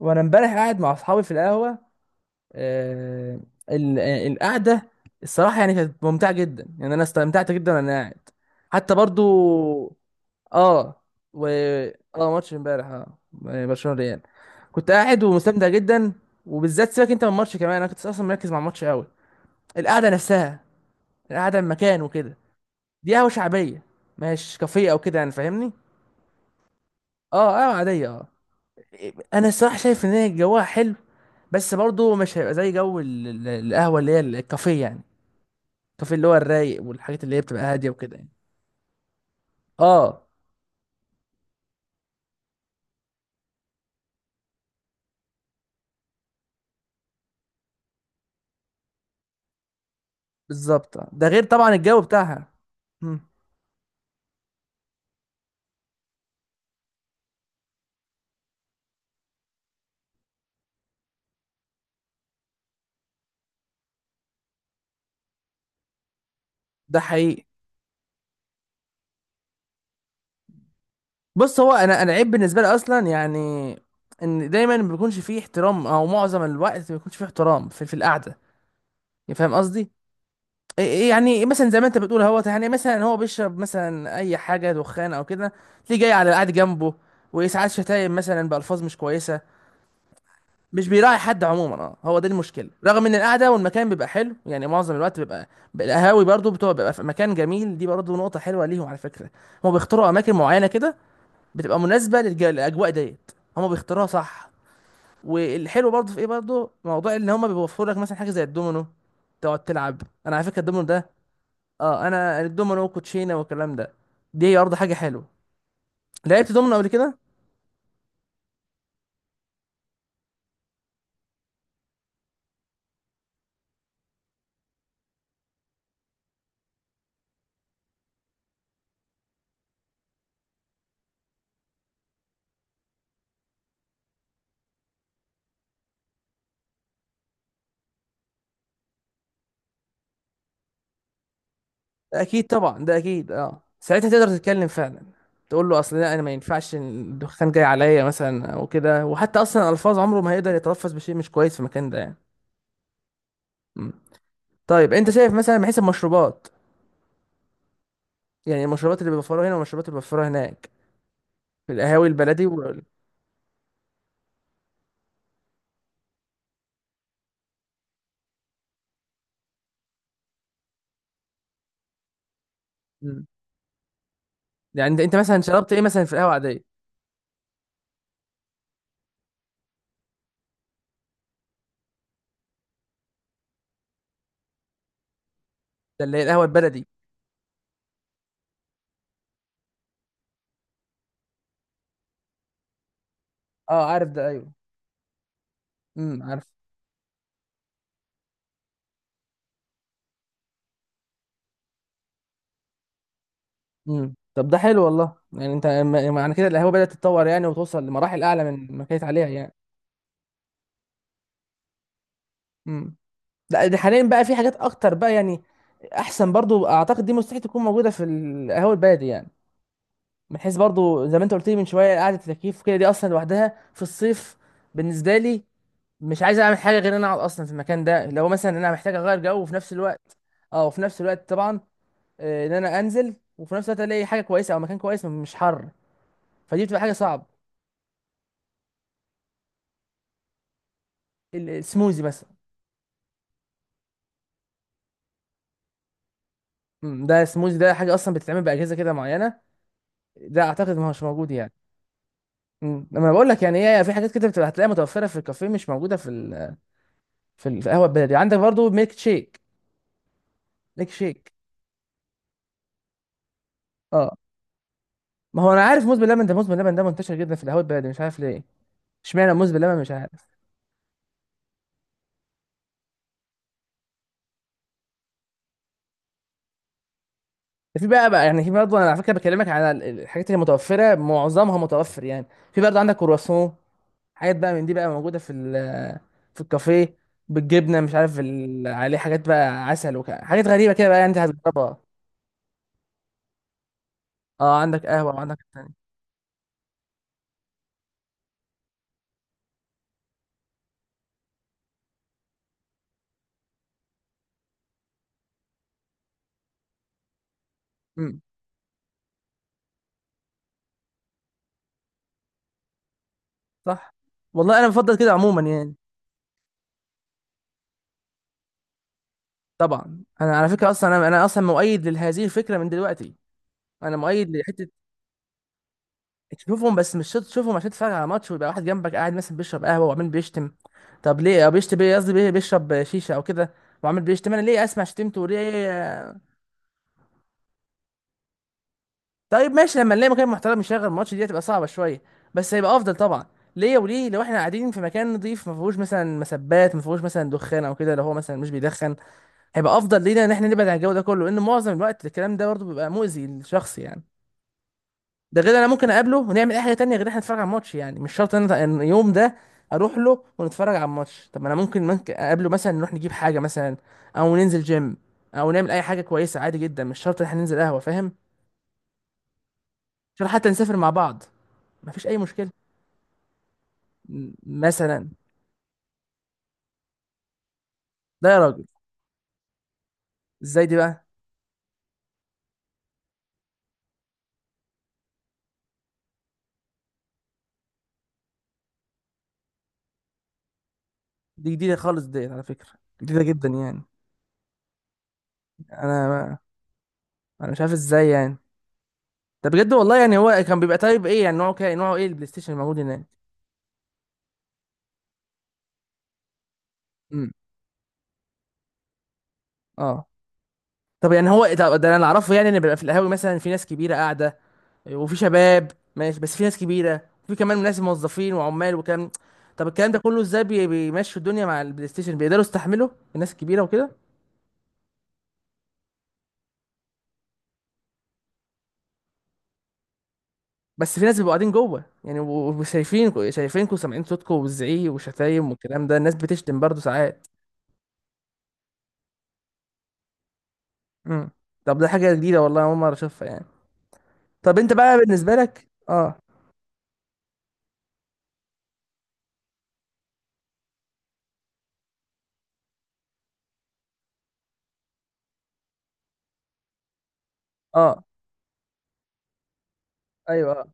وانا امبارح قاعد مع اصحابي في القهوه. آه. القعده. الصراحه يعني كانت ممتعه جدا، يعني انا استمتعت جدا وانا قاعد. حتى برضو. اه. و اه ماتش امبارح برشلونه ريال. كنت قاعد ومستمتع جدا. وبالذات سيبك انت من الماتش، كمان انا كنت اصلا مركز مع الماتش قوي. القعده نفسها، القعده المكان وكده. دي قهوه شعبيه، مش كافيه او كده، يعني فاهمني. اه، قهوه عاديه انا الصراحه شايف ان هي جوها حلو، بس برضه مش هيبقى زي جو القهوه اللي هي الكافيه يعني. الكافيه اللي هو الرايق، والحاجات اللي هي بتبقى هاديه وكده يعني. اه بالظبط آه. ده غير طبعا الجو بتاعها. مم. ده حقيقي. بص، هو انا عيب بالنسبه لي اصلا، يعني ان دايما ما بيكونش فيه احترام، او معظم الوقت ما بيكونش فيه احترام في القعده، يعني فاهم قصدي. يعني مثلا زي ما انت بتقول اهوت، يعني مثلا هو بيشرب مثلا اي حاجه دخان او كده، تلاقيه جاي على قاعد جنبه. وساعات شتايم مثلا بالفاظ مش كويسه. مش بيراعي حد عموما. اه هو ده المشكله، رغم ان القعده والمكان بيبقى حلو يعني، معظم الوقت بيبقى القهاوي برضو بتبقى، بيبقى في مكان جميل، دي برضو نقطه حلوه ليهم على فكره. هم بيختاروا اماكن معينه كده، بتبقى مناسبه للاجواء ديت، هم بيختاروها صح. والحلو برضو في ايه، برضو موضوع ان هم بيوفروا لك مثلا حاجه زي الدومينو، تقعد تلعب. انا على فكره الدومينو ده، اه، انا الدومينو وكوتشينه والكلام ده، دي برضه حاجه حلوه. لعبت دومينو قبل كده. اكيد طبعا ده اكيد، ساعتها تقدر تتكلم فعلا، تقول له اصل لا انا ما ينفعش الدخان جاي عليا مثلا او كده. وحتى اصلا الفاظ عمره ما هيقدر يتلفظ بشيء مش كويس في المكان ده يعني. مم. طيب انت شايف مثلا من حيث المشروبات، يعني المشروبات اللي بيوفروها هنا والمشروبات اللي بيوفروها هناك، في القهاوي البلدي و... مم. يعني انت مثلا شربت ايه مثلا في القهوه العاديه؟ ده اللي هي القهوه البلدي. اه عارف ده ايوه. عارف. طب ده حلو والله، يعني انت يعني معنى كده القهوه بدات تتطور يعني، وتوصل لمراحل اعلى من ما كانت عليها يعني. امم لا دي حاليا بقى في حاجات اكتر بقى يعني، احسن برضو اعتقد، دي مستحيل تكون موجوده في القهوه البلدي يعني. من حيث برضو زي ما انت قلت لي من شويه، قعده التكييف كده دي اصلا لوحدها في الصيف. بالنسبه لي، مش عايز اعمل حاجه غير ان انا اقعد اصلا في المكان ده، لو مثلا انا محتاج اغير جو وفي نفس الوقت. اه، وفي نفس الوقت طبعا. ان انا انزل، وفي نفس الوقت الاقي حاجه كويسه او مكان كويس مش حر، فدي بتبقى حاجه صعبه. السموزي مثلا. ده سموزي ده حاجه اصلا بتتعمل باجهزه كده معينه، ده اعتقد ما هوش موجود يعني. لما أنا بقول لك يعني، هي في حاجات كده بتبقى هتلاقيها متوفره في الكافيه، مش موجوده في ال... في القهوه البلدي. عندك برضو ميلك شيك. ميلك شيك. اه، ما هو انا عارف موز باللبن ده، موز باللبن ده منتشر جدا في القهوه البلدي، مش عارف ليه. اشمعنى موز باللبن، مش عارف. ده في بقى يعني، في برضه انا على فكره بكلمك على الحاجات اللي متوفره معظمها متوفر يعني. في برضه عندك كرواسون، حاجات بقى من دي بقى موجوده في الكافيه، بالجبنه، مش عارف عليه حاجات بقى، عسل وكده، حاجات غريبه كده بقى يعني انت هتجربها. اه، عندك قهوه وعندك التاني. امم صح والله، انا بفضل كده عموما يعني. طبعا انا على فكره اصلا، انا اصلا مؤيد لهذه الفكره من دلوقتي، انا مؤيد لحته. تشوفهم بس مش شرط تشوفهم عشان تتفرج على ماتش، ويبقى واحد جنبك قاعد مثلا بيشرب قهوه وعمال بيشتم. طب ليه؟ او بيشتم ايه، قصدي بيشرب شيشه او كده، وعمال بيشتم، انا ليه اسمع شتمته وليه. طيب ماشي لما نلاقي مكان محترم يشغل الماتش دي هتبقى صعبة شوية، بس هيبقى أفضل طبعا. ليه وليه لو احنا قاعدين في مكان نضيف، ما فيهوش مثلا مسبات، ما فيهوش مثلا دخان او كده، لو هو مثلا مش بيدخن، هيبقى افضل لينا ان احنا نبعد عن الجو ده كله، لان معظم الوقت الكلام ده برضه بيبقى مؤذي للشخص يعني. ده غير انا ممكن اقابله ونعمل اي حاجه تانية، غير إن احنا نتفرج على الماتش، يعني مش شرط ان أنا اليوم ده اروح له ونتفرج على الماتش. طب ما انا ممكن اقابله مثلا نروح نجيب حاجه مثلا، او ننزل جيم، او نعمل اي حاجه كويسه، عادي جدا، مش شرط ان احنا ننزل قهوه، فاهم. مش شرط حتى نسافر مع بعض، مفيش اي مشكله. مثلا، لا يا راجل، ازاي دي بقى؟ دي جديده خالص ديت على فكره، جديده جدا يعني. انا انا مش عارف ازاي يعني، ده بجد والله يعني. هو كان بيبقى طيب ايه، يعني نوعه كده، نوعه ايه البلاي ستيشن الموجود هناك؟ امم اه طب يعني هو إيه، طب ده انا اللي اعرفه يعني، ان بيبقى في القهاوي مثلا في ناس كبيره قاعده، وفي شباب ماشي، بس في ناس كبيره وفي كمان ناس موظفين وعمال وكام. طب الكلام ده كله ازاي بيمشوا الدنيا مع البلاي ستيشن؟ بيقدروا يستحملوا الناس الكبيره وكده؟ بس في ناس بيبقوا قاعدين جوه يعني، وشايفينكوا وسامعين صوتكوا والزعيق وشتايم والكلام ده، الناس بتشتم برضه ساعات. امم طب ده حاجه جديده والله، أنا اول مره اشوفها يعني. طب انت بقى بالنسبه لك؟ اه. اه، ايوه، اه.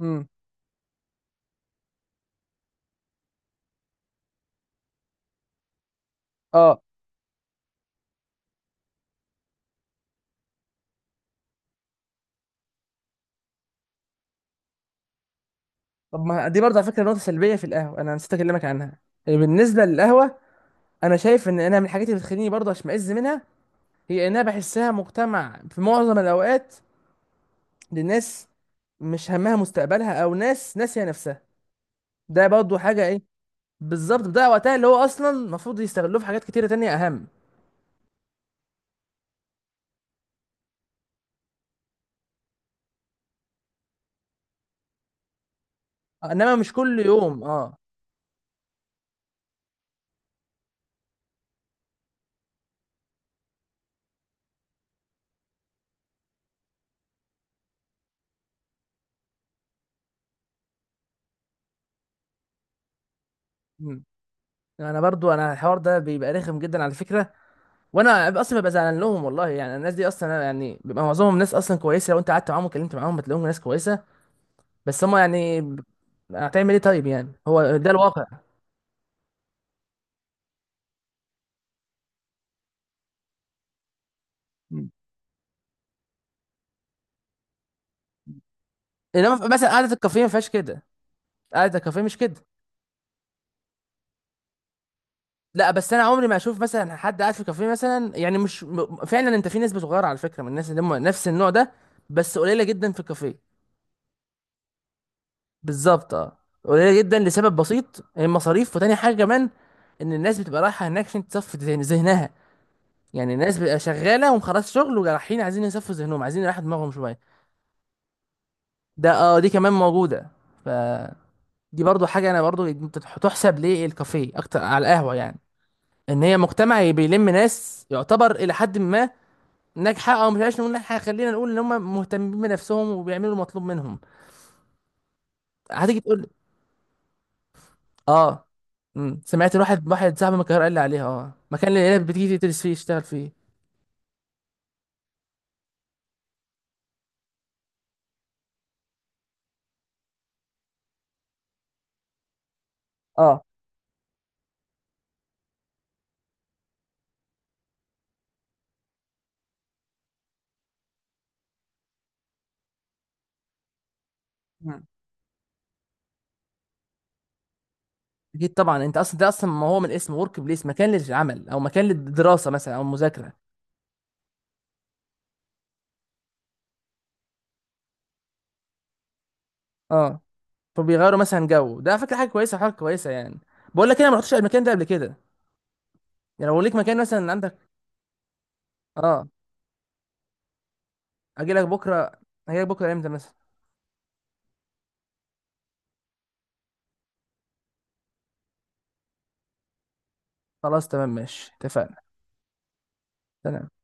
امم. اه. طب ما دي برضه على فكره نقطه سلبيه في القهوه انا نسيت اكلمك عنها، يعني بالنسبه للقهوه. انا شايف ان انا من الحاجات اللي بتخليني برضه اشمئز منها، هي انها بحسها مجتمع في معظم الاوقات، للناس مش همها مستقبلها، او ناس ناسيه نفسها. ده برضه حاجه ايه، بالظبط بضيع وقتها، اللي هو اصلا المفروض يستغلوه في حاجات كتيره تانية اهم. انما مش كل يوم، اه. مم. انا برضو انا الحوار ده بيبقى رخم جدا على فكره، وانا اصلا ببقى زعلان لهم والله. يعني الناس دي اصلا يعني بيبقى معظمهم ناس اصلا كويسه، لو انت قعدت معاهم وكلمت معاهم بتلاقيهم ناس كويسه، بس هم يعني. هتعمل ايه طيب، يعني هو ده الواقع. مم. انما مثلا قعده الكافيه ما فيهاش كده، قعده الكافيه مش كده. لا، بس انا عمري ما اشوف مثلا حد قاعد في كافيه مثلا، يعني مش فعلا انت في نسبه صغيره على فكره من الناس اللي هم نفس النوع ده، بس قليله جدا في الكافيه. بالظبط اه. قليله جدا لسبب بسيط، المصاريف، وتاني حاجه كمان، ان الناس بتبقى رايحه هناك عشان تصفي ذهنها. يعني الناس بتبقى شغاله ومخلص شغل ورايحين عايزين يصفوا ذهنهم، عايزين يريحوا دماغهم شويه. ده اه، دي كمان موجوده. ف دي برضو حاجه انا برضو انت تحسب ليه الكافيه اكتر على القهوه يعني، ان هي مجتمع بيلم ناس يعتبر الى حد ما ناجحه، او مش عايز نقول ناجحه، خلينا نقول ان هم مهتمين بنفسهم وبيعملوا المطلوب منهم. هتيجي تقول لي- اه. مم. سمعت واحد صاحبي من القاهره قال لي عليها، مكان اللي العيال بتيجي تدرس فيه يشتغل فيه. اه. مم. اكيد طبعا، انت اصلا ده اصلا ما هو من اسمه ورك بليس، مكان للعمل، او مكان للدراسه مثلا او مذاكره. اه، فبيغيروا مثلا جو، ده على فكره حاجه كويسه، حاجه كويسه يعني. بقول لك انا ما رحتش المكان ده قبل كده. يعني لو ليك مكان مثلا عندك. اه، اجي لك بكره. اجي لك بكره امتى مثلا؟ خلاص تمام ماشي، اتفقنا. تمام.